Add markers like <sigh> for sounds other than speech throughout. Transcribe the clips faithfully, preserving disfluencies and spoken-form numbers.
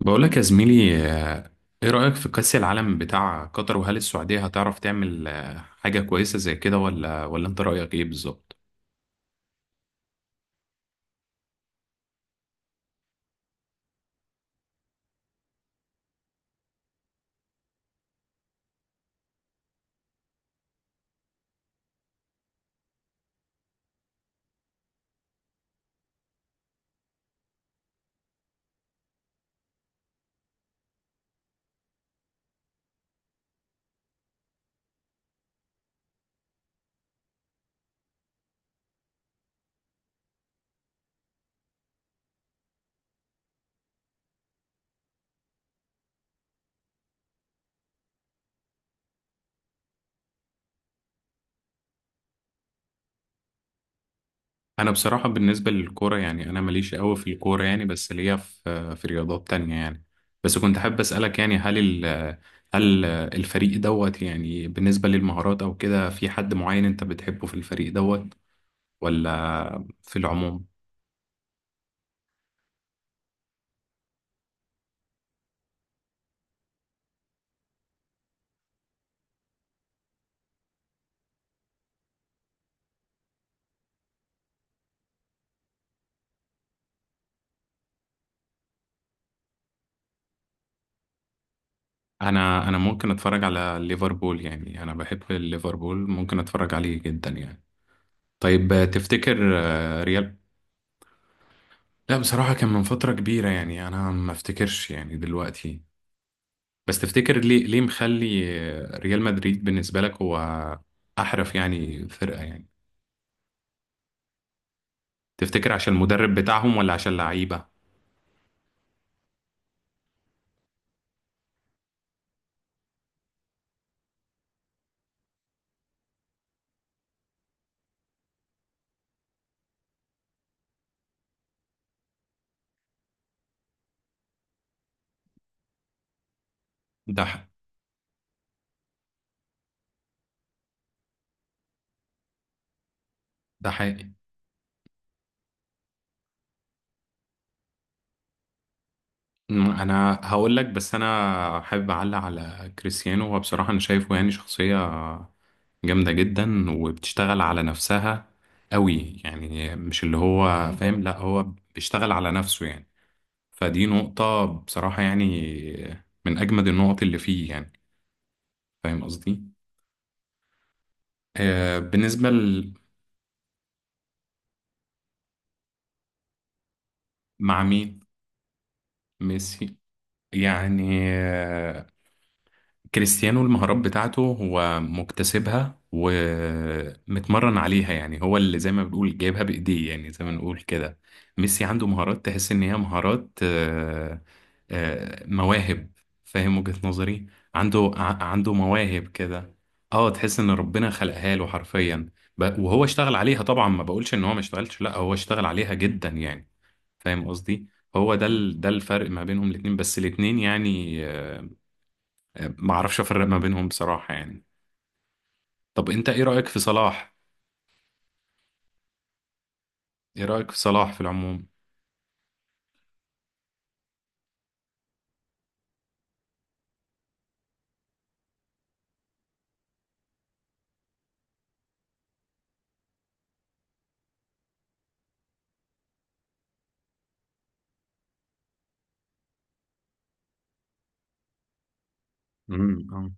بقولك يا زميلي، آه، ايه رأيك في كأس العالم بتاع قطر وهل السعودية هتعرف تعمل آه، حاجة كويسة زي كده ولا ولا انت رأيك ايه بالظبط؟ انا بصراحة بالنسبة للكورة يعني انا ماليش قوي في الكورة، يعني بس ليا في آه، في رياضات تانية يعني. بس كنت حابب أسألك، يعني هل ال آه، هل آه، الفريق دوت، يعني بالنسبة للمهارات او كده في حد معين انت بتحبه في الفريق دوت ولا في العموم؟ انا انا ممكن اتفرج على ليفربول، يعني انا بحب ليفربول ممكن اتفرج عليه جدا يعني. طيب تفتكر آه، ريال... لا بصراحة كان من فترة كبيرة، يعني أنا ما أفتكرش يعني دلوقتي. بس تفتكر ليه ليه مخلي آه، ريال مدريد بالنسبة لك هو أحرف يعني فرقة يعني، تفتكر عشان المدرب بتاعهم ولا عشان اللعيبة؟ ده ح- ده حقيقي. أمم، أنا هقول لك، بس أنا حابب أعلق على كريستيانو. هو بصراحة أنا شايفه يعني شخصية جامدة جدا وبتشتغل على نفسها قوي، يعني مش اللي هو فاهم، لا هو بيشتغل على نفسه يعني. فدي نقطة بصراحة يعني، من أجمد النقط اللي فيه يعني، فاهم قصدي؟ آه بالنسبة ل- مع مين؟ ميسي. يعني كريستيانو المهارات بتاعته هو مكتسبها ومتمرن عليها، يعني هو اللي زي ما بنقول جايبها بإيديه، يعني زي ما نقول كده. ميسي عنده مهارات تحس إن هي مهارات، آه، آه، مواهب. فاهم وجهة نظري؟ عنده ع- عنده مواهب كده. اه، تحس إن ربنا خلقها له حرفيا، ب- وهو اشتغل عليها طبعا. ما بقولش إن هو ما اشتغلش، لا هو اشتغل عليها جدا يعني. فاهم قصدي؟ هو ده ال- ده الفرق ما بينهم الاتنين، بس الاتنين يعني آه، ما اعرفش افرق ما بينهم بصراحة يعني. طب انت ايه رأيك في صلاح؟ ايه رأيك في صلاح في العموم؟ امم، آه.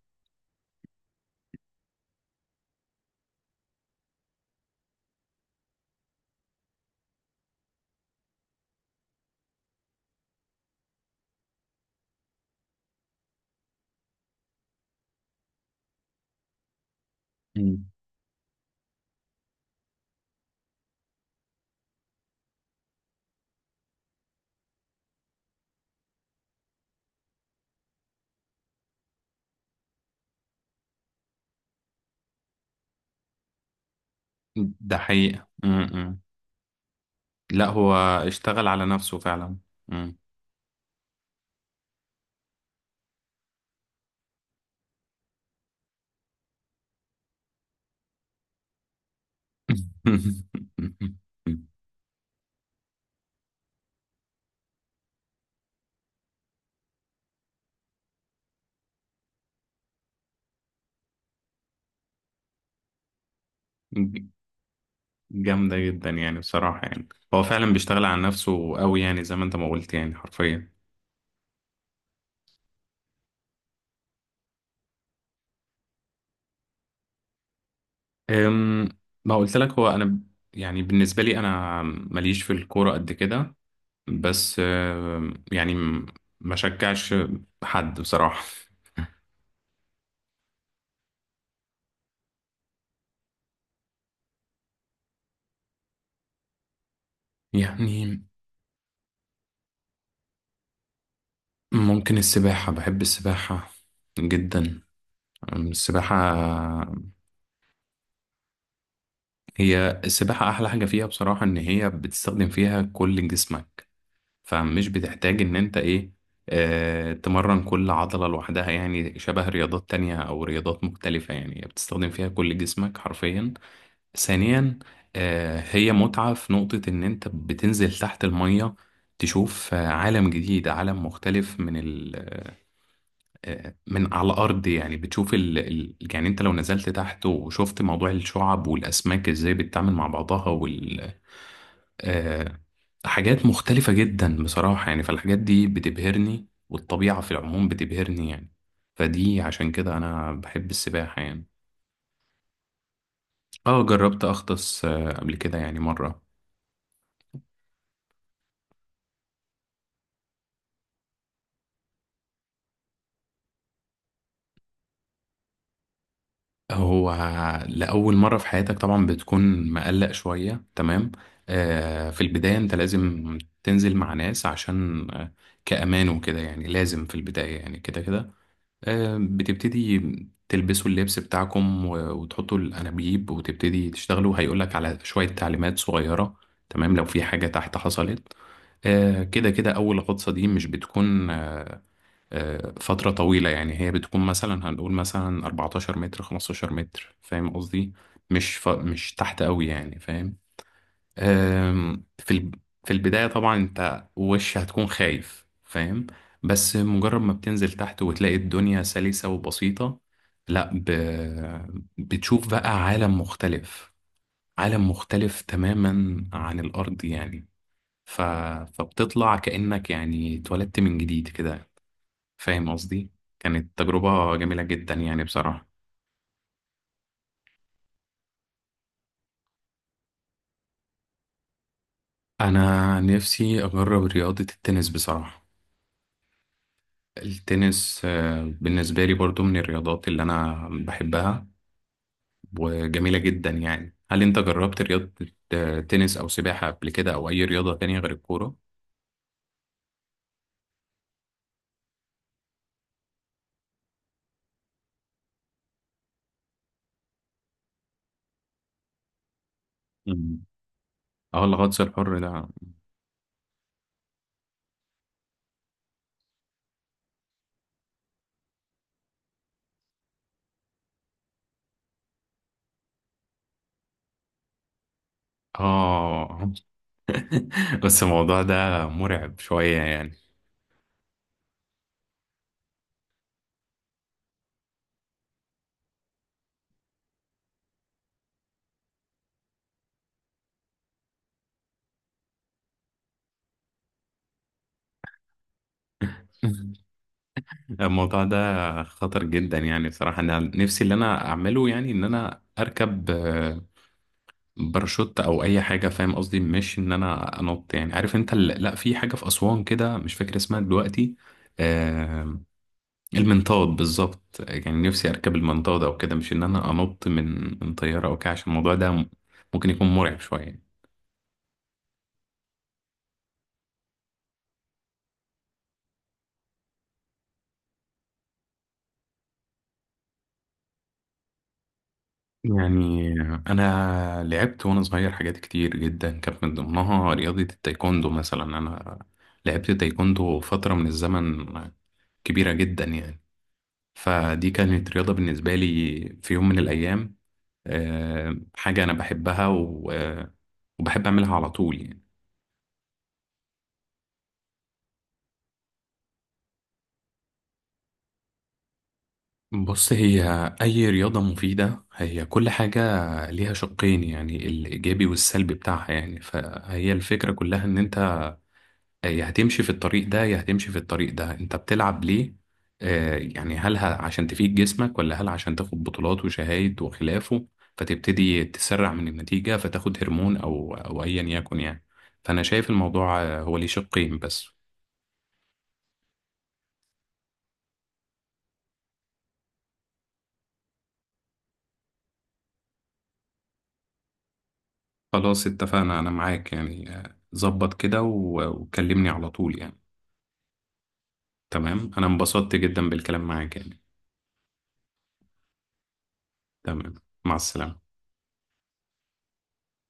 أمم. ده حقيقة، امم. لا هو اشتغل على نفسه فعلا. امم. <laughs> جامدة جدا يعني، بصراحة يعني هو فعلا بيشتغل على نفسه قوي، يعني زي ما انت ما قلت يعني حرفيا. أم، ما قلت لك. هو انا ب- يعني بالنسبة لي انا ماليش في الكورة قد كده. بس آه، يعني م- ما شجعش حد بصراحة يعني. ممكن السباحة، بحب السباحة جدا. أم، السباحة. هي السباحة أحلى حاجة فيها بصراحة، إن هي بتستخدم فيها كل جسمك، فمش بتحتاج إن أنت إيه آه تمرن كل عضلة لوحدها يعني، شبه رياضات تانية أو رياضات مختلفة، يعني بتستخدم فيها كل جسمك حرفيا. ثانيا، آه، هي متعة في نقطة إن أنت بتنزل تحت المية، تشوف آه، عالم جديد، عالم مختلف من ال آه، من على الأرض يعني. بتشوف ال ال- يعني أنت لو نزلت تحت وشفت موضوع الشعب والأسماك إزاي بتتعامل مع بعضها، وال آه، حاجات مختلفة جدا بصراحة يعني. فالحاجات دي بتبهرني، والطبيعة في العموم بتبهرني يعني. فدي عشان كده أنا بحب السباحة يعني. اه جربت أغطس آه، قبل كده، يعني مرة. هو لأول مرة في حياتك طبعا بتكون مقلق شوية، تمام. آه، في البداية انت لازم تنزل مع ناس عشان آه، كأمان وكده، يعني لازم في البداية يعني كده كده. آه بتبتدي تلبسوا اللبس بتاعكم و- وتحطوا الأنابيب وتبتدي تشتغلوا، هيقولك على شوية تعليمات صغيرة تمام لو في حاجة تحت حصلت. آه كده كده، أول غطسة دي مش بتكون آه، آه، فترة طويلة، يعني هي بتكون مثلا، هنقول مثلا أربعة عشر متر خمسة عشر متر، فاهم قصدي؟ مش ف... مش تحت قوي يعني، فاهم. آم، في ال... في البداية طبعا انت وش هتكون خايف، فاهم. بس مجرد ما بتنزل تحت وتلاقي الدنيا سلسة وبسيطة، لا ب... بتشوف بقى عالم مختلف، عالم مختلف تماما عن الأرض يعني. ف... فبتطلع كأنك يعني اتولدت من جديد كده، فاهم قصدي. كانت تجربة جميلة جدا يعني بصراحة. أنا نفسي أجرب رياضة التنس بصراحة. التنس آه، بالنسبة لي برضو من الرياضات اللي أنا بحبها، وجميلة جدا يعني. هل أنت جربت رياضة التنس أو سباحة قبل كده، أو أي رياضة تانية غير الكورة؟ مم. اه، الغطس الحر ده. اه. <laughs> بس الموضوع ده مرعب شوية يعني. <laughs> الموضوع ده خطر جدا يعني، بصراحة أنا نفسي اللي أنا أعمله يعني، إن أنا أركب آه، باراشوت أو أي حاجة، فاهم قصدي؟ مش إن أنا أنط، يعني عارف أنت ال- لا في حاجة في أسوان كده، مش فاكر اسمها دلوقتي، آه، المنطاد بالظبط. يعني نفسي أركب المنطاد أو كده، مش إن أنا أنط من من طيارة أو كده، عشان الموضوع ده ممكن يكون مرعب شوية يعني. انا لعبت وانا صغير حاجات كتير جدا، كانت من ضمنها رياضة التايكوندو مثلا. انا لعبت تايكوندو فترة من الزمن كبيرة جدا يعني، فدي كانت رياضة بالنسبة لي في يوم من الايام، آه، حاجة انا بحبها، و- آه، وبحب اعملها على طول يعني. بص، هي اي رياضة مفيدة، هي كل حاجة ليها شقين، يعني الايجابي والسلبي بتاعها، يعني فهي الفكرة كلها ان انت آه، يا هتمشي في الطريق ده يا هتمشي في الطريق ده. انت بتلعب ليه؟ آه يعني هل ه- عشان تفيد جسمك ولا هل عشان تاخد بطولات وشهايد وخلافه، فتبتدي تسرع من النتيجة فتاخد هرمون او او ايا يكن يعني. فانا شايف الموضوع آه، هو ليه شقين بس. خلاص اتفقنا، انا معاك يعني، آه، ظبط كده و- وكلمني على طول يعني. تمام، انا انبسطت جدا بالكلام معاك يعني. تمام، مع السلامة.